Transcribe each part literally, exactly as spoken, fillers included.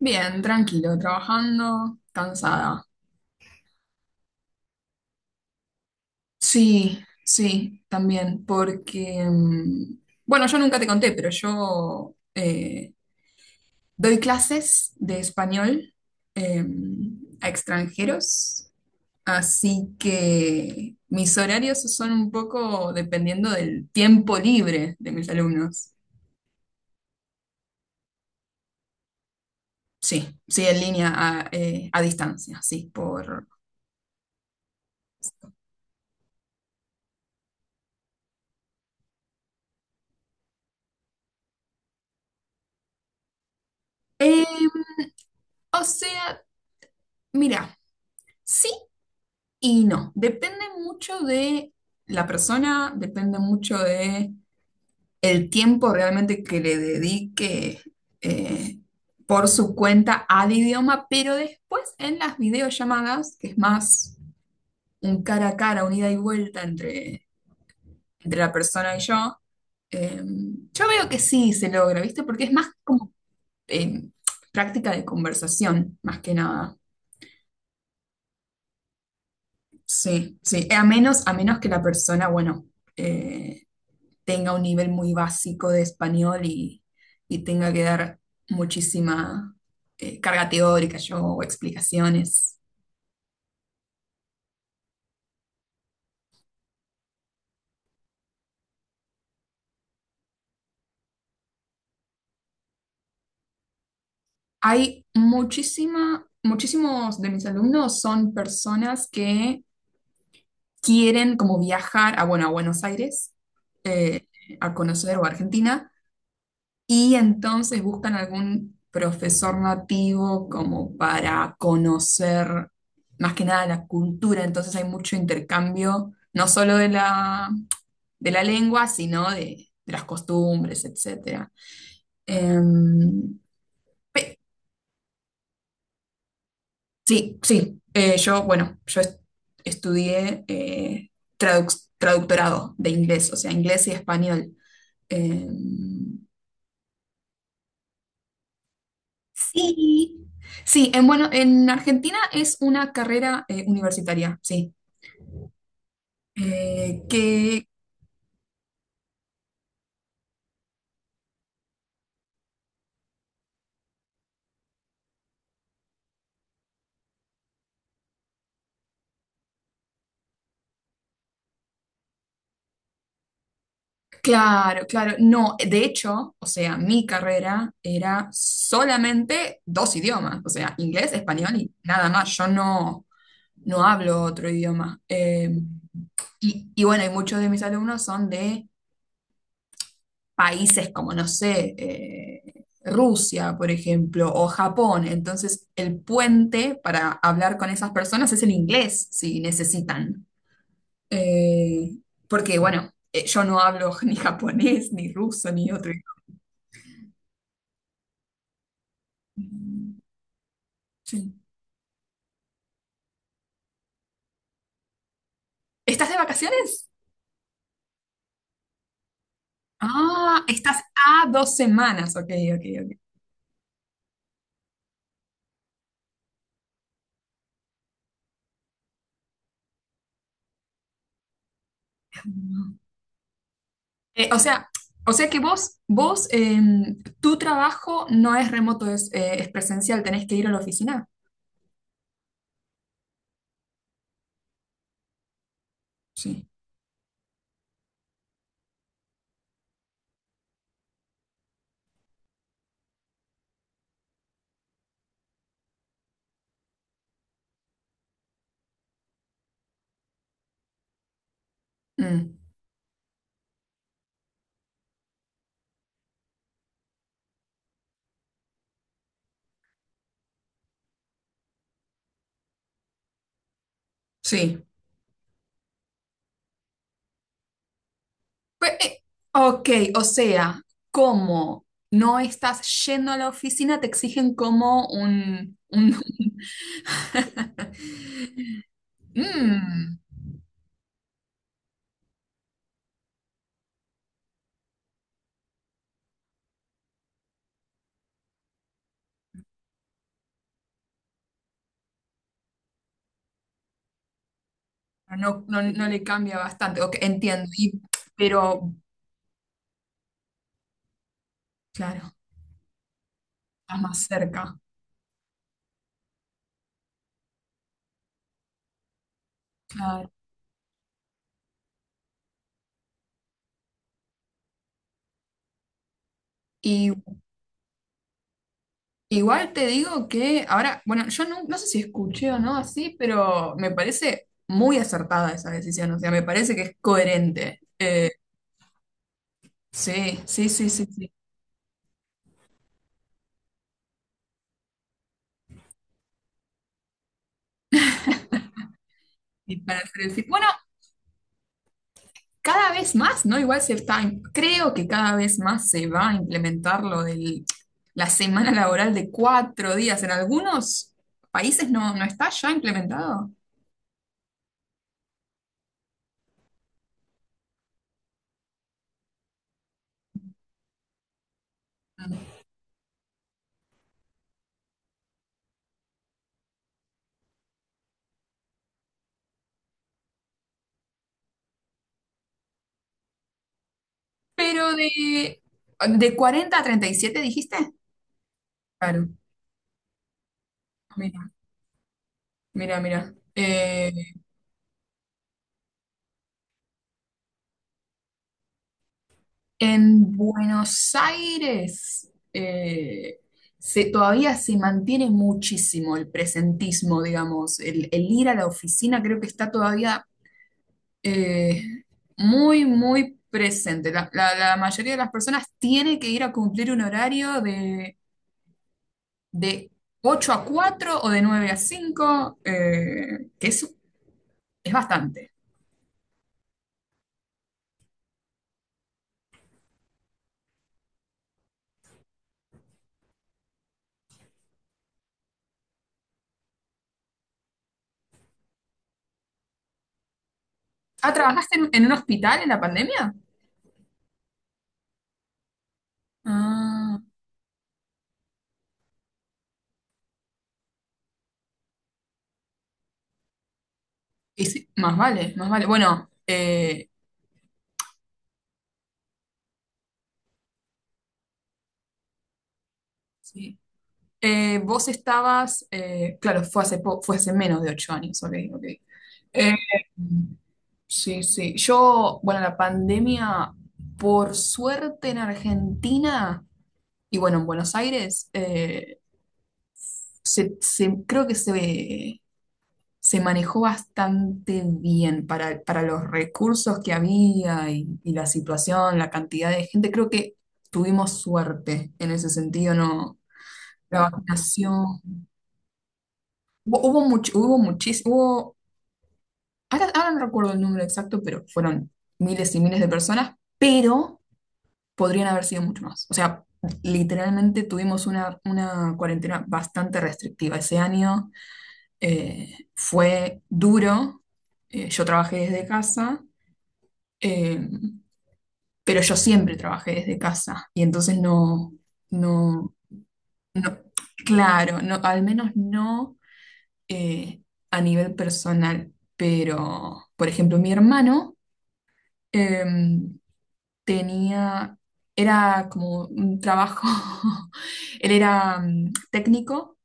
Bien, tranquilo, trabajando, cansada. Sí, sí, también, porque, mm, bueno, yo nunca te conté, pero yo eh, doy clases de español eh, a extranjeros, así que mis horarios son un poco dependiendo del tiempo libre de mis alumnos. Sí, sí, en línea, a, eh, a distancia, sí. por... Eh, o sea, mira. Sí. Y no, depende mucho de la persona, depende mucho de el tiempo realmente que le dedique eh, por su cuenta al idioma, pero después en las videollamadas, que es más un cara a cara, un ida y vuelta entre, entre la persona y yo, eh, yo veo que sí se logra, ¿viste? Porque es más como eh, práctica de conversación, más que nada. Sí, sí, a menos, a menos que la persona, bueno, eh, tenga un nivel muy básico de español y, y tenga que dar muchísima eh, carga teórica yo, o explicaciones. Hay muchísima, muchísimos de mis alumnos son personas que quieren como viajar a, bueno, a Buenos Aires, eh, a conocer o a Argentina. Y entonces buscan algún profesor nativo como para conocer más que nada la cultura. Entonces hay mucho intercambio, no solo de la, de la lengua, sino de, de las costumbres, etcétera. Em, pe- sí, sí. Eh, yo, bueno, yo est- estudié eh, traduc- traductorado de inglés, o sea, inglés y español. Em, Sí, sí, en, bueno, en Argentina es una carrera eh, universitaria, sí. Eh, que, claro, claro, no, de hecho, o sea, mi carrera era solamente dos idiomas, o sea, inglés, español y nada más, yo no, no hablo otro idioma. Eh, y, y bueno, y muchos de mis alumnos son de países como, no sé, eh, Rusia, por ejemplo, o Japón. Entonces, el puente para hablar con esas personas es el inglés, si necesitan. Eh, Porque, bueno, eh, yo no hablo ni japonés, ni ruso, ni otro idioma. Sí. ¿Estás de vacaciones? Ah, estás a dos semanas. Ok, ok, ok. Eh, o sea, o sea que vos, vos, em, tu trabajo no es remoto, es, eh, es presencial, tenés que ir a la oficina. Sí. Mm, sí. Pues, eh, ok, o sea, como no estás yendo a la oficina, te exigen como un... un... Mm, no, no, no le cambia bastante. Ok, entiendo. Y- pero, claro, estás más cerca. Claro. Y, igual te digo que ahora, bueno, yo no, no sé si escuché o no así, pero me parece muy acertada esa decisión. O sea, me parece que es coherente. eh, Sí, sí, sí, sí, sí. Y para hacer el fit- Bueno, cada vez más, ¿no? Igual se está, im- creo que cada vez más se va a implementar lo de la semana laboral de cuatro días. En algunos países no, no está ya implementado. Mm. Pero de, de cuarenta a treinta y siete, dijiste. Claro, mira, mira, mira. Eh, En Buenos Aires eh, se, todavía se mantiene muchísimo el presentismo, digamos, el, el ir a la oficina creo que está todavía eh, muy, muy presente. La, la- la mayoría de las personas tiene que ir a cumplir un horario de, de ocho a cuatro o de nueve a cinco, eh, que es, es bastante. Ah, ¿trabajaste en, en un hospital en la pandemia? Ah, y sí, más vale, más vale. Bueno. eh, Sí. Eh, vos estabas, eh, claro, fue hace, po- fue hace menos de ocho años, ok, ok. Eh, sí, sí. Yo, bueno, la pandemia, por suerte en Argentina y bueno, en Buenos Aires, eh, se, se- creo que se, se manejó bastante bien para, para los recursos que había y, y la situación, la cantidad de gente. Creo que tuvimos suerte en ese sentido, ¿no? La vacunación. Hubo, hubo much- hubo muchis- hubo, ahora, ahora no recuerdo el número exacto, pero fueron miles y miles de personas, pero podrían haber sido mucho más. O sea, literalmente tuvimos una, una cuarentena bastante restrictiva ese año. Eh, fue duro. Eh, yo trabajé desde casa, eh, pero yo siempre trabajé desde casa. Y entonces no, no, no, claro, no, al menos no. eh, a nivel personal, pero, por ejemplo, mi hermano em, tenía, era como un trabajo, él era mm, técnico,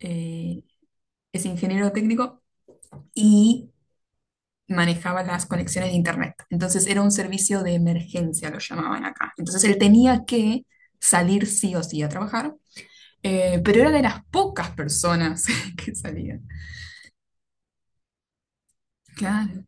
eh, es ingeniero técnico y manejaba las conexiones de internet. Entonces era un servicio de emergencia, lo llamaban acá. Entonces él tenía que salir sí o sí a trabajar, eh, pero era de las pocas personas que salían. Claro.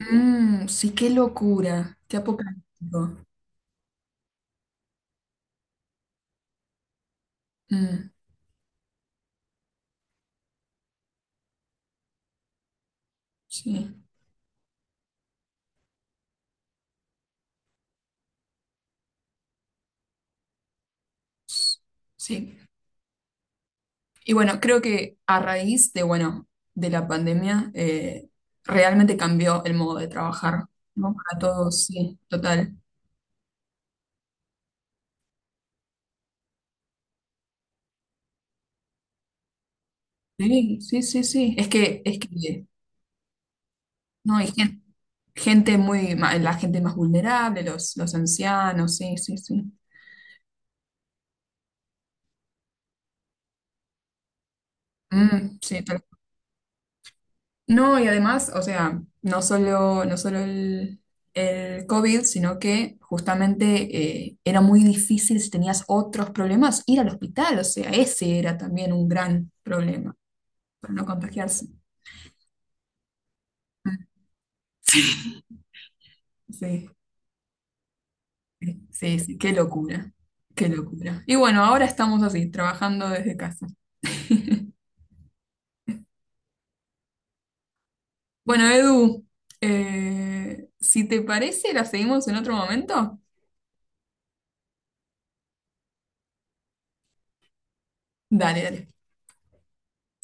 Mm, sí, qué locura, qué apocalíptico. Mm, sí, s- sí. Y bueno, creo que a raíz de, bueno, de la pandemia, eh, realmente cambió el modo de trabajar, ¿no? Para todos, sí, total. Sí, sí, sí, sí. Es que, es que no, hay gente, gente muy, ma- la gente más vulnerable, los, los ancianos, sí, sí, sí. Mm, sí. No, y además, o sea, no solo, no solo el, el COVID, sino que justamente eh, era muy difícil si tenías otros problemas ir al hospital, o sea, ese era también un gran problema para no contagiarse. Mm. Sí, sí, sí, sí, qué locura, qué locura. Y bueno, ahora estamos así, trabajando desde casa. Bueno, Edu, eh, si te parece, la seguimos en otro momento. Dale, dale.